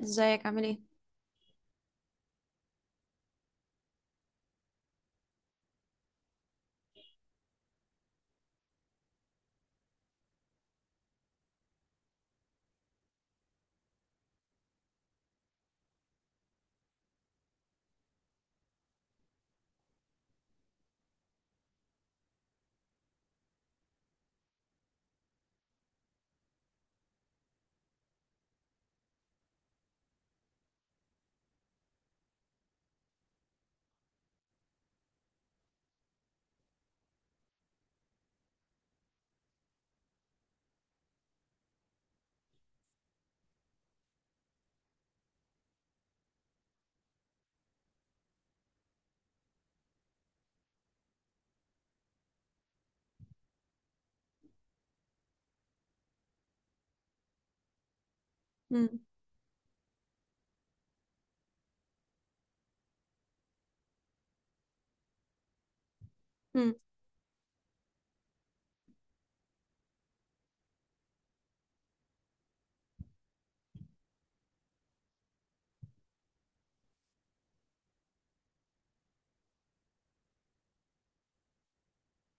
ازيك عامل ايه؟ مم. مم.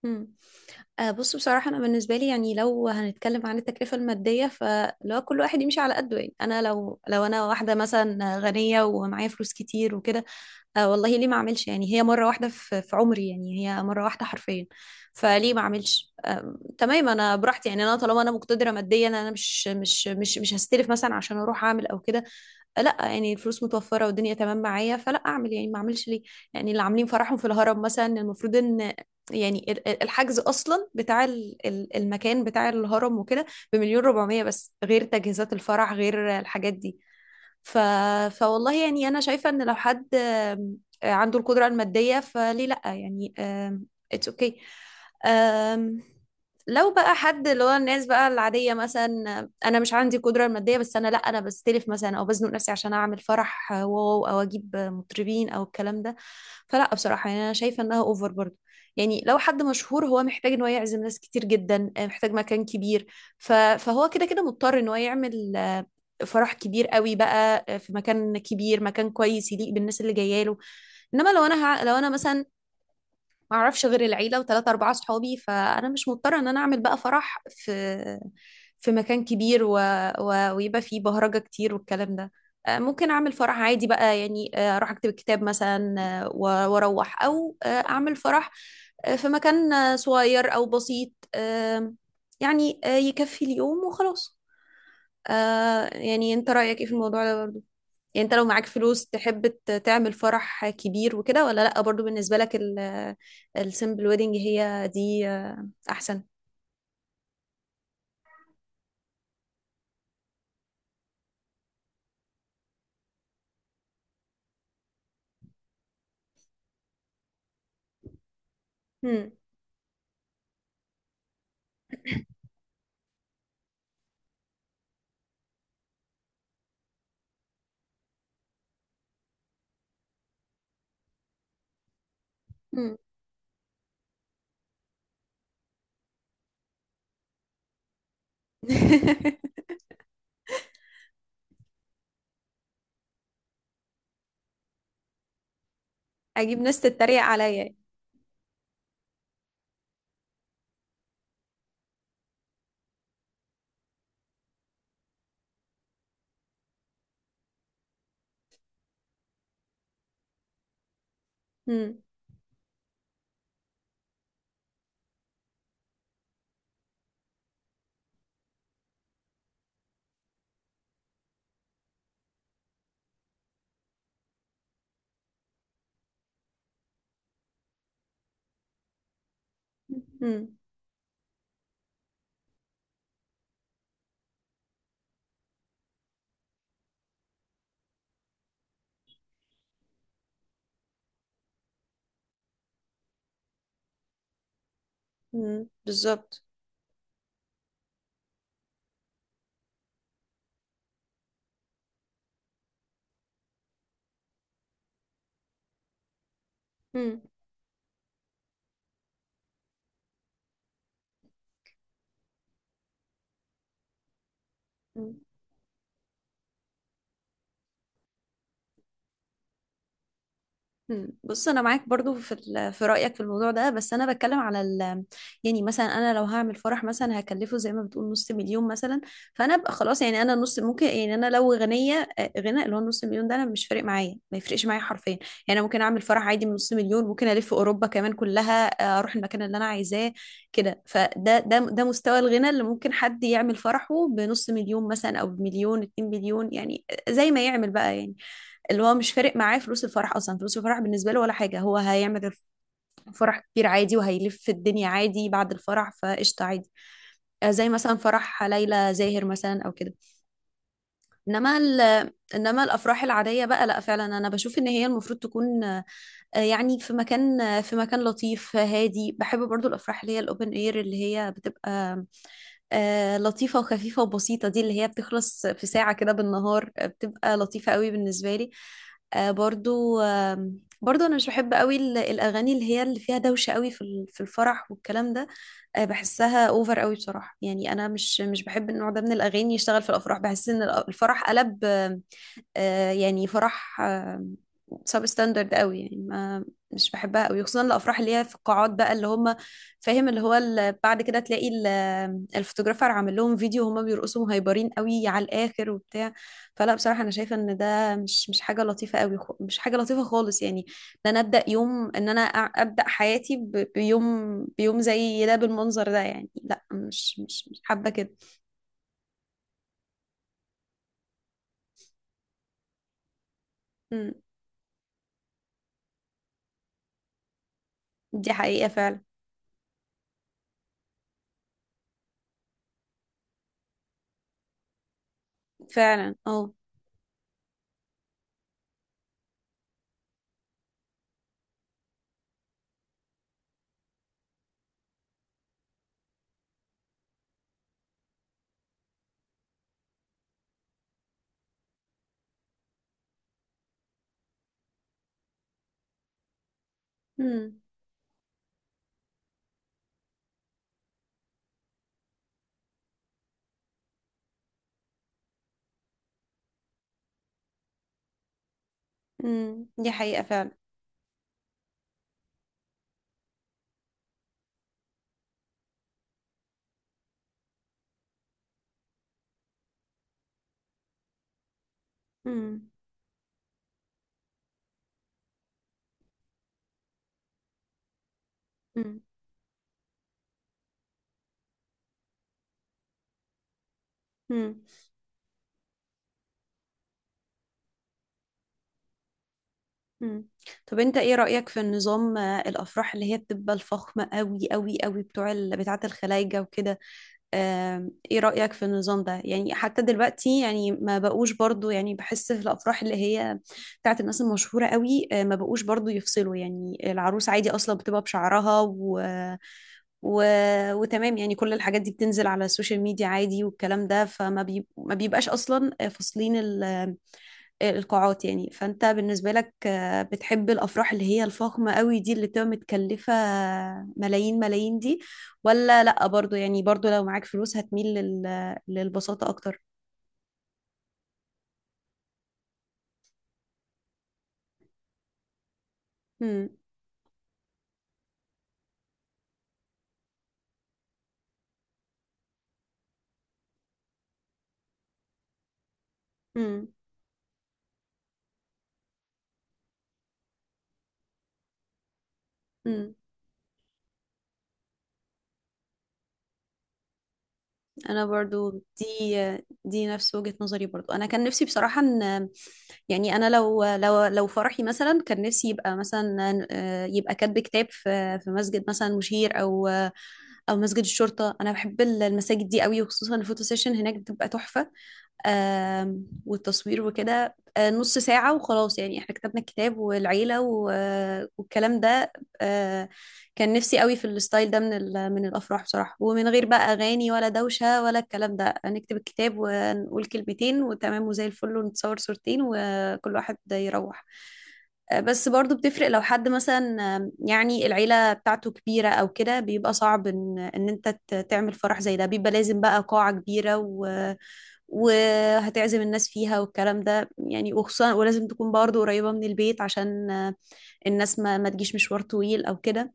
مم. آه، بص، بصراحة أنا بالنسبة لي يعني لو هنتكلم عن التكلفة المادية فلو كل واحد يمشي على قده. يعني أنا لو أنا واحدة مثلا غنية ومعايا فلوس كتير وكده، آه والله ليه ما أعملش؟ يعني هي مرة واحدة في عمري، يعني هي مرة واحدة حرفيا. فليه ما أعملش؟ آه تمام، أنا براحتي. يعني أنا طالما أنا مقتدرة ماديا أنا مش هستلف مثلا عشان أروح أعمل أو كده. لا، يعني الفلوس متوفرة والدنيا تمام معايا، فلا اعمل، يعني ما اعملش ليه؟ يعني اللي عاملين فرحهم في الهرم مثلا، المفروض ان يعني الحجز اصلا بتاع المكان بتاع الهرم وكده بمليون ربعمية بس، غير تجهيزات الفرح، غير الحاجات دي. ف... فوالله يعني أنا شايفة إن لو حد عنده القدرة المادية فليه لأ؟ يعني it's okay. آم، لو بقى حد اللي هو الناس بقى العادية، مثلا أنا مش عندي القدرة المادية، بس أنا لأ، أنا بستلف مثلا أو بزنق نفسي عشان أعمل فرح واو أو أجيب مطربين أو الكلام ده، فلأ بصراحة يعني أنا شايفة إنها أوفر برضه. يعني لو حد مشهور هو محتاج إن هو يعزم ناس كتير جدا، محتاج مكان كبير، فهو كده كده مضطر إن هو يعمل فرح كبير قوي بقى، في مكان كبير، مكان كويس يليق بالناس اللي جايه له. انما لو انا لو انا مثلا ما اعرفش غير العيله وثلاثه اربعه صحابي، فانا مش مضطره ان انا اعمل بقى فرح في في مكان كبير ويبقى فيه بهرجه كتير والكلام ده. ممكن اعمل فرح عادي بقى. يعني اروح اكتب كتاب مثلا، واروح او اعمل فرح في مكان صغير او بسيط. يعني يكفي اليوم وخلاص. آه، يعني انت رأيك ايه في الموضوع ده برضو؟ يعني انت لو معاك فلوس تحب تعمل فرح كبير وكده ولا لأ؟ برضو بالنسبة لك السيمبل ويدنج هي دي احسن. هم. هم. اجيب ناس تتريق عليا يعني. هم. هم. هم. بالظبط. هم. هم. مم. بص، انا معاك برضو في في رايك في الموضوع ده، بس انا بتكلم على يعني مثلا انا لو هعمل فرح مثلا هكلفه زي ما بتقول نص مليون مثلا، فانا ابقى خلاص. يعني انا نص ممكن. يعني انا لو غنيه، غنى اللي هو نص مليون ده انا مش فارق معايا، ما يفرقش معايا حرفيا يعني. انا ممكن اعمل فرح عادي من نص مليون، ممكن الف اوروبا كمان كلها، اروح المكان اللي انا عايزاه كده. فده ده ده مستوى الغنى اللي ممكن حد يعمل فرحه بنص مليون مثلا او بمليون 2 مليون، يعني زي ما يعمل بقى. يعني اللي هو مش فارق معاه فلوس الفرح، اصلا فلوس الفرح بالنسبه له ولا حاجه. هو هيعمل فرح كتير عادي وهيلف الدنيا عادي بعد الفرح فقشطه عادي. زي مثلا فرح ليلى زاهر مثلا او كده. انما ال- انما الافراح العاديه بقى، لا، فعلا انا بشوف ان هي المفروض تكون يعني في مكان، في مكان لطيف، هادي. بحب برضو الأفراح اللي هي الأوبن اير اللي هي بتبقى لطيفة وخفيفة وبسيطة. دي اللي هي بتخلص في ساعة كده بالنهار، بتبقى لطيفة قوي بالنسبة لي. آه، برضو آه، برضو أنا مش بحب قوي الأغاني اللي هي اللي فيها دوشة قوي في في الفرح والكلام ده. بحسها اوفر قوي بصراحة. يعني أنا مش بحب النوع ده من الأغاني يشتغل في الأفراح. بحس إن الفرح قلب، يعني فرح سب ستاندرد قوي يعني. ما مش بحبها قوي، خصوصا الافراح اللي هي في القاعات بقى اللي هم فاهم اللي هو بعد كده تلاقي الفوتوغرافر عامل لهم فيديو وهم بيرقصوا مهيبرين قوي على الاخر وبتاع. فلا، بصراحه انا شايفه ان ده مش حاجه لطيفه قوي، مش حاجه لطيفه خالص يعني. ان انا ابدا يوم ان انا ابدا حياتي بيوم، بيوم زي ده بالمنظر ده، يعني لا، مش حابه كده. مم. دي حقيقه فعلا. فعلا اه. مم. مم. دي حقيقه فعلا. مم. مم. مم. مم. طب انت ايه رأيك في النظام، الافراح اللي هي بتبقى الفخمة قوي قوي قوي بتوع بتاعة الخلايجة وكده؟ ايه رأيك في النظام ده؟ يعني حتى دلوقتي يعني ما بقوش برضو. يعني بحس في الافراح اللي هي بتاعة الناس المشهورة قوي، ما بقوش برضو يفصلوا. يعني العروس عادي اصلا بتبقى بشعرها و... وتمام. يعني كل الحاجات دي بتنزل على السوشيال ميديا عادي والكلام ده، ما بيبقاش اصلا فاصلين القاعات يعني. فانت بالنسبة لك بتحب الافراح اللي هي الفخمة قوي دي اللي بتبقى متكلفة ملايين ملايين دي، ولا لا؟ برضو يعني برضو لو معاك فلوس هتميل للبساطة اكتر. امم. امم. امم. انا برضو. دي، دي نفس وجهة نظري برضو. انا كان نفسي بصراحة ان يعني انا لو فرحي مثلا كان نفسي يبقى مثلا، يبقى كاتب كتاب في في مسجد مثلا، مشير او او مسجد الشرطة. انا بحب المساجد دي قوي، وخصوصا الفوتو سيشن هناك بتبقى تحفة. والتصوير وكده نص ساعة وخلاص. يعني احنا كتبنا الكتاب والعيلة والكلام ده. آه، كان نفسي قوي في الستايل ده من من الأفراح بصراحة، ومن غير بقى أغاني ولا دوشة ولا الكلام ده. نكتب الكتاب ونقول كلمتين وتمام وزي الفل ونتصور صورتين وكل واحد يروح. بس برضو بتفرق لو حد مثلا، يعني العيلة بتاعته كبيرة أو كده، بيبقى صعب إن أنت تعمل فرح زي ده. بيبقى لازم بقى قاعة كبيرة وهتعزم الناس فيها والكلام ده يعني، وخصوصا ولازم تكون برضه قريبة من البيت عشان الناس ما تجيش مشوار طويل او كده.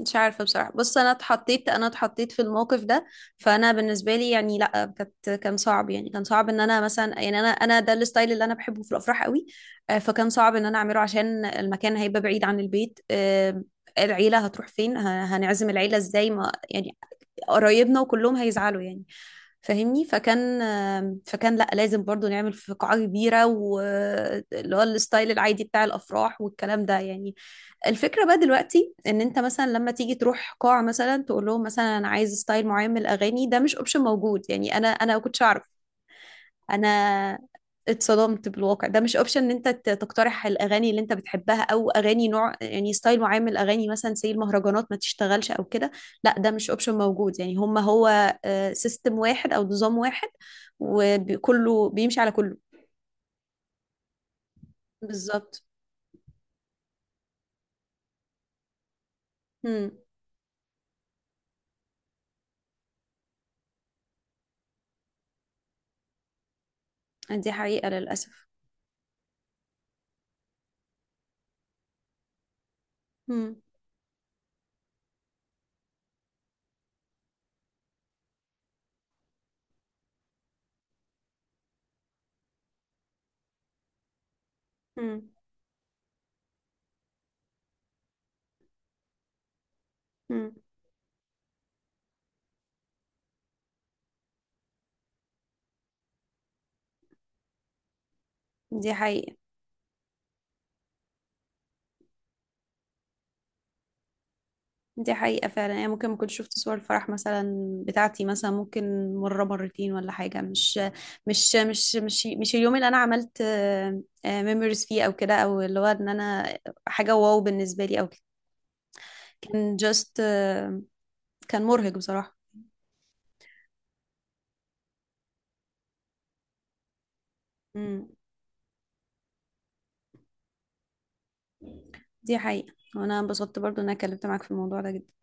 مش عارفة بصراحة. بص، انا اتحطيت في الموقف ده. فانا بالنسبة لي يعني لا، كان صعب. يعني كان صعب ان انا مثلا، يعني انا ده الستايل اللي انا بحبه في الافراح قوي، فكان صعب ان انا اعمله عشان المكان هيبقى بعيد عن البيت. العيلة هتروح فين؟ هنعزم العيلة ازاي؟ ما يعني قرايبنا وكلهم هيزعلوا يعني. فاهمني؟ فكان لا، لازم برضو نعمل في قاعة كبيرة، واللي هو الستايل العادي بتاع الأفراح والكلام ده يعني. الفكرة بقى دلوقتي ان انت مثلا لما تيجي تروح قاعة مثلا تقول لهم مثلا انا عايز ستايل معين من الأغاني، ده مش اوبشن موجود. يعني انا ما كنتش اعرف. انا اتصدمت بالواقع. ده مش اوبشن ان انت تقترح الاغاني اللي انت بتحبها، او اغاني نوع، يعني ستايل معين من الاغاني، مثلا زي المهرجانات ما تشتغلش او كده، لا، ده مش اوبشن موجود. يعني هما هو سيستم واحد او نظام واحد، وكله بيمشي على كله. بالظبط. امم. دي حقيقة للاسف. امم. امم. دي حقيقة. دي حقيقة فعلا. يعني ممكن ما كنتش شفت صور الفرح مثلا بتاعتي، مثلا ممكن مرة مرتين ولا حاجة. مش اليوم اللي أنا عملت ميموريز فيه أو كده، أو اللي هو إن أنا حاجة واو بالنسبة لي أو كده. كان جاست، كان مرهق بصراحة. مم. دي حقيقة، وأنا انبسطت برضو إن أنا اتكلمت معاك في الموضوع ده جدا.